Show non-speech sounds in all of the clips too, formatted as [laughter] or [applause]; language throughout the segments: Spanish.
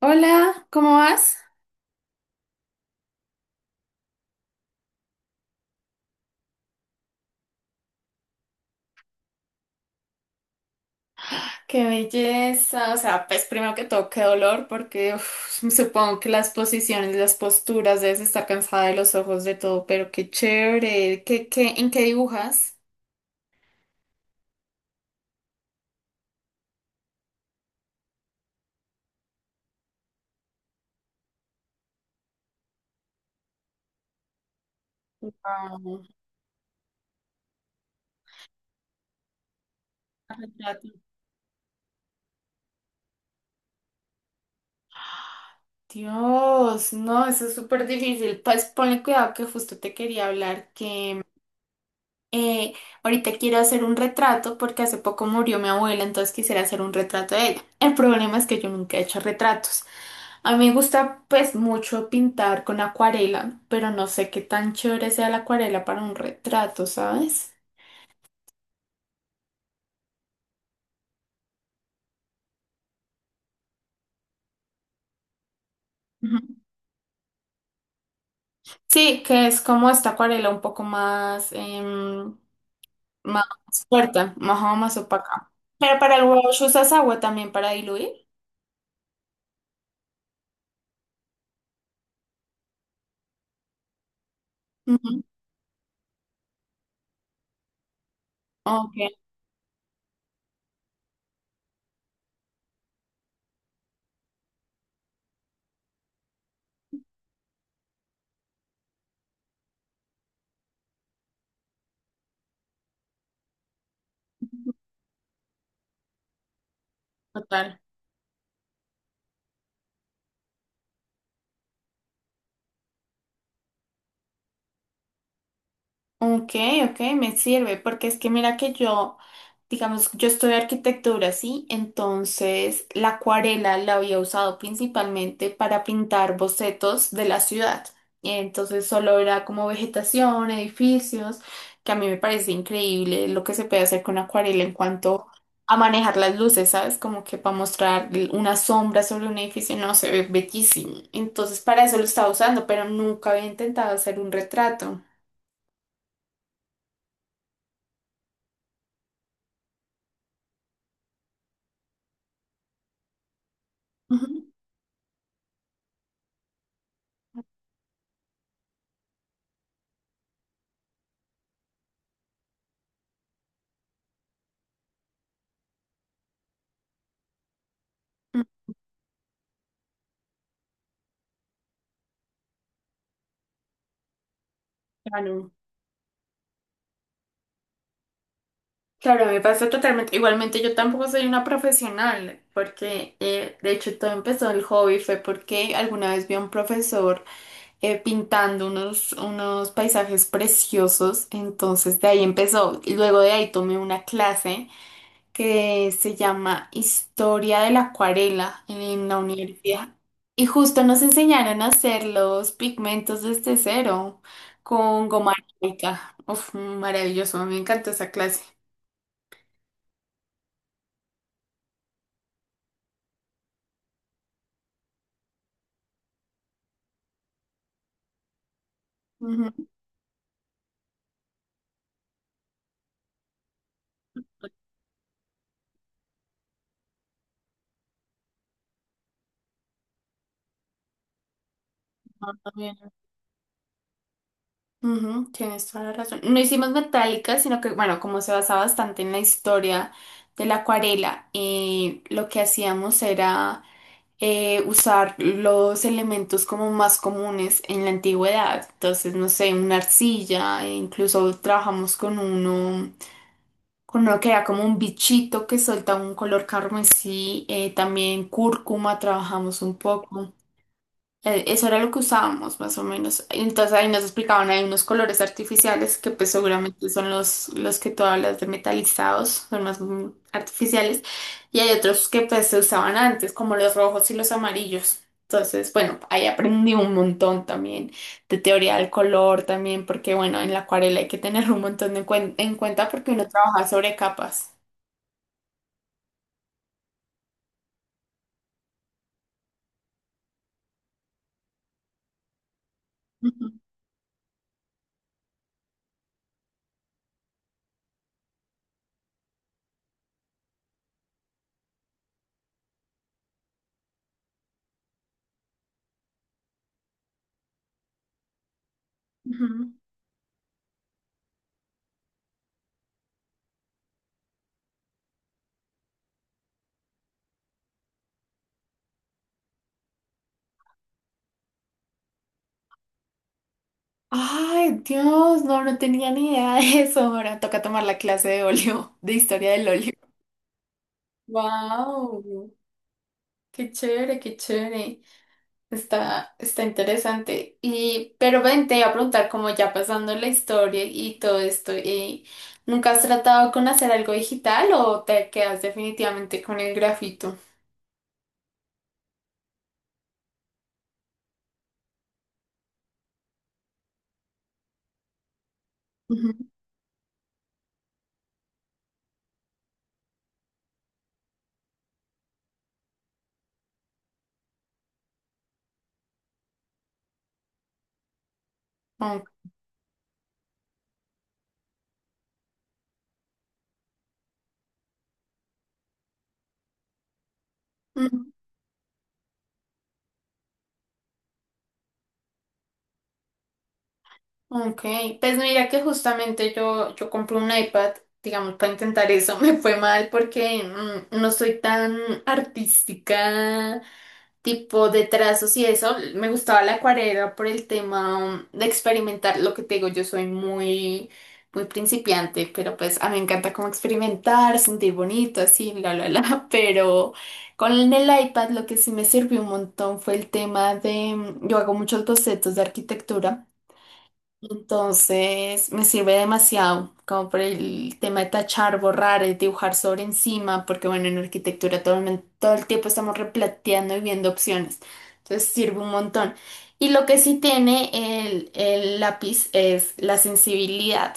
Hola, ¿cómo vas? Qué belleza, o sea, pues primero que todo, qué dolor, porque supongo que las posiciones, las posturas, debes estar cansada de los ojos, de todo, pero qué chévere. En qué dibujas? Ah, retrato. Dios, no, eso es súper difícil, pues ponle cuidado que justo te quería hablar, que eh, ahorita quiero hacer un retrato porque hace poco murió mi abuela, entonces quisiera hacer un retrato de ella. El problema es que yo nunca he hecho retratos. A mí me gusta pues mucho pintar con acuarela, pero no sé qué tan chévere sea la acuarela para un retrato, ¿sabes? Ujú. Sí, que es como esta acuarela un poco más, más fuerte, más, más opaca. Pero para el wash usas agua también para diluir. Ujú. Ok, total. Ok, ok, me sirve, porque es que mira que yo, digamos, yo estudio arquitectura, ¿sí? Entonces la acuarela la había usado principalmente para pintar bocetos de la ciudad. Y entonces solo era como vegetación, edificios, que a mí me parece increíble lo que se puede hacer con acuarela en cuanto a manejar las luces, ¿sabes? Como que para mostrar una sombra sobre un edificio, no, se ve bellísimo. Entonces para eso lo estaba usando, pero nunca había intentado hacer un retrato. Ujú. Claro, claro, me pasa totalmente. Igualmente, yo tampoco soy una profesional, porque de hecho todo empezó el hobby, fue porque alguna vez vi a un profesor pintando unos paisajes preciosos, entonces de ahí empezó. Y luego de ahí tomé una clase que se llama Historia de la Acuarela en la universidad. Y justo nos enseñaron a hacer los pigmentos desde cero con goma arábica. Uf, maravilloso, me encantó esa clase. Ujú. No, también. Ujú, tienes toda la razón. No hicimos metálica, sino que, bueno, como se basaba bastante en la historia de la acuarela, lo que hacíamos era usar los elementos como más comunes en la antigüedad. Entonces, no sé, una arcilla, e incluso trabajamos con uno que era como un bichito que solta un color carmesí, también cúrcuma, trabajamos un poco. Eso era lo que usábamos más o menos. Entonces ahí nos explicaban, hay unos colores artificiales que pues seguramente son los que tú hablas de metalizados, son más artificiales, y hay otros que pues se usaban antes, como los rojos y los amarillos. Entonces, bueno, ahí aprendí un montón también de teoría del color también, porque bueno, en la acuarela hay que tener un montón de en cuenta porque uno trabaja sobre capas. Ujú, ujú. Ay, Dios, no, no tenía ni idea de eso. Ahora toca tomar la clase de óleo, de historia del óleo. Wow, qué chévere, qué chévere. Está, está interesante. Y, pero ven, te iba a preguntar, como ya pasando la historia y todo esto, ¿nunca has tratado con hacer algo digital o te quedas definitivamente con el grafito? Ujú. Ok. Mm. Ok, pues mira que justamente yo, yo compré un iPad, digamos, para intentar eso, [laughs] me fue mal porque no soy tan artística, tipo de trazos y eso, me gustaba la acuarela por el tema de experimentar, lo que te digo, yo soy muy, muy principiante, pero pues a mí me encanta como experimentar, sentir bonito, así, bla, bla, bla, [laughs] pero con el iPad lo que sí me sirvió un montón fue el tema de, yo hago muchos bocetos de arquitectura. Entonces me sirve demasiado, como por el tema de tachar, borrar, dibujar sobre encima, porque bueno, en arquitectura todo el, todo el tiempo estamos replanteando y viendo opciones. Entonces sirve un montón. Y lo que sí tiene el lápiz es la sensibilidad,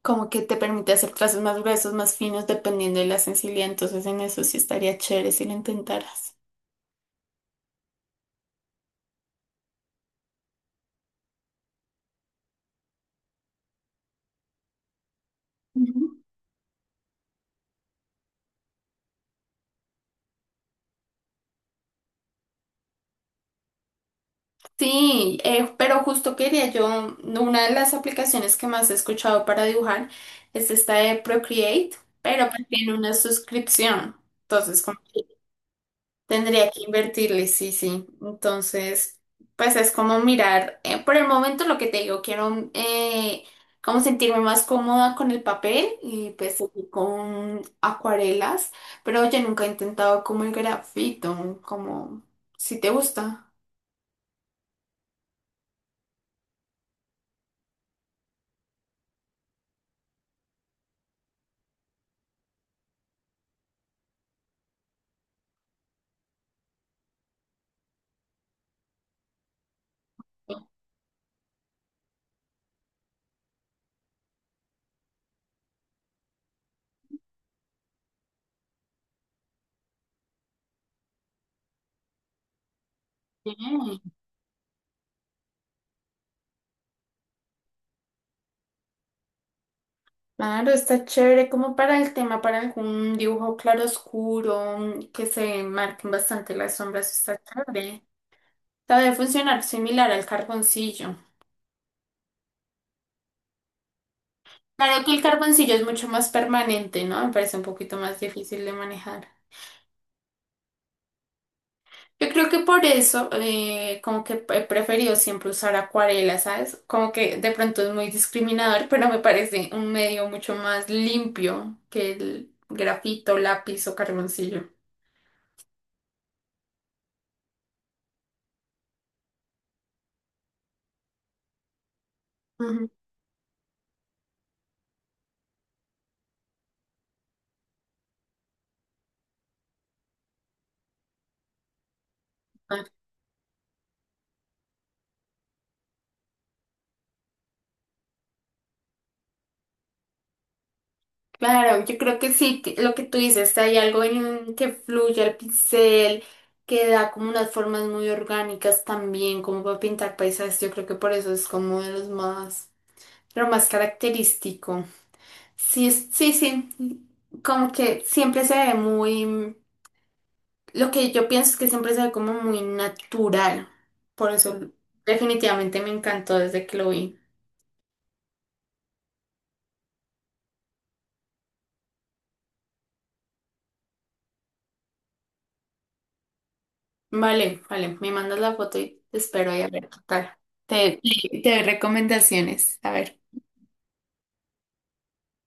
como que te permite hacer trazos más gruesos, más finos, dependiendo de la sensibilidad. Entonces en eso sí estaría chévere si lo intentaras. Sí, pero justo quería yo, una de las aplicaciones que más he escuchado para dibujar es esta de Procreate, pero pues tiene una suscripción, entonces como que tendría que invertirle, sí, sí, entonces pues es como mirar, por el momento lo que te digo, quiero como sentirme más cómoda con el papel y pues seguir con acuarelas, pero yo nunca he intentado como el grafito, como si te gusta. Bien. Claro, está chévere como para el tema, para algún dibujo claroscuro que se marquen bastante las sombras, está chévere. Sabe funcionar similar al carboncillo. Claro que el carboncillo es mucho más permanente, ¿no? Me parece un poquito más difícil de manejar. Yo creo que por eso, como que he preferido siempre usar acuarela, ¿sabes? Como que de pronto es muy discriminador, pero me parece un medio mucho más limpio que el grafito, lápiz o carboncillo. Ujú. Claro, yo creo que sí, que lo que tú dices, hay algo en que fluye el pincel, que da como unas formas muy orgánicas también, como para pintar paisajes, yo creo que por eso es como de los más, lo más característico. Sí, sí, sí, como que siempre se ve muy, lo que yo pienso es que siempre se ve como muy natural, por eso definitivamente me encantó desde que lo vi. Vale, vale, me mandas la foto y te espero ahí a ver qué tal. Te, te doy recomendaciones, a ver.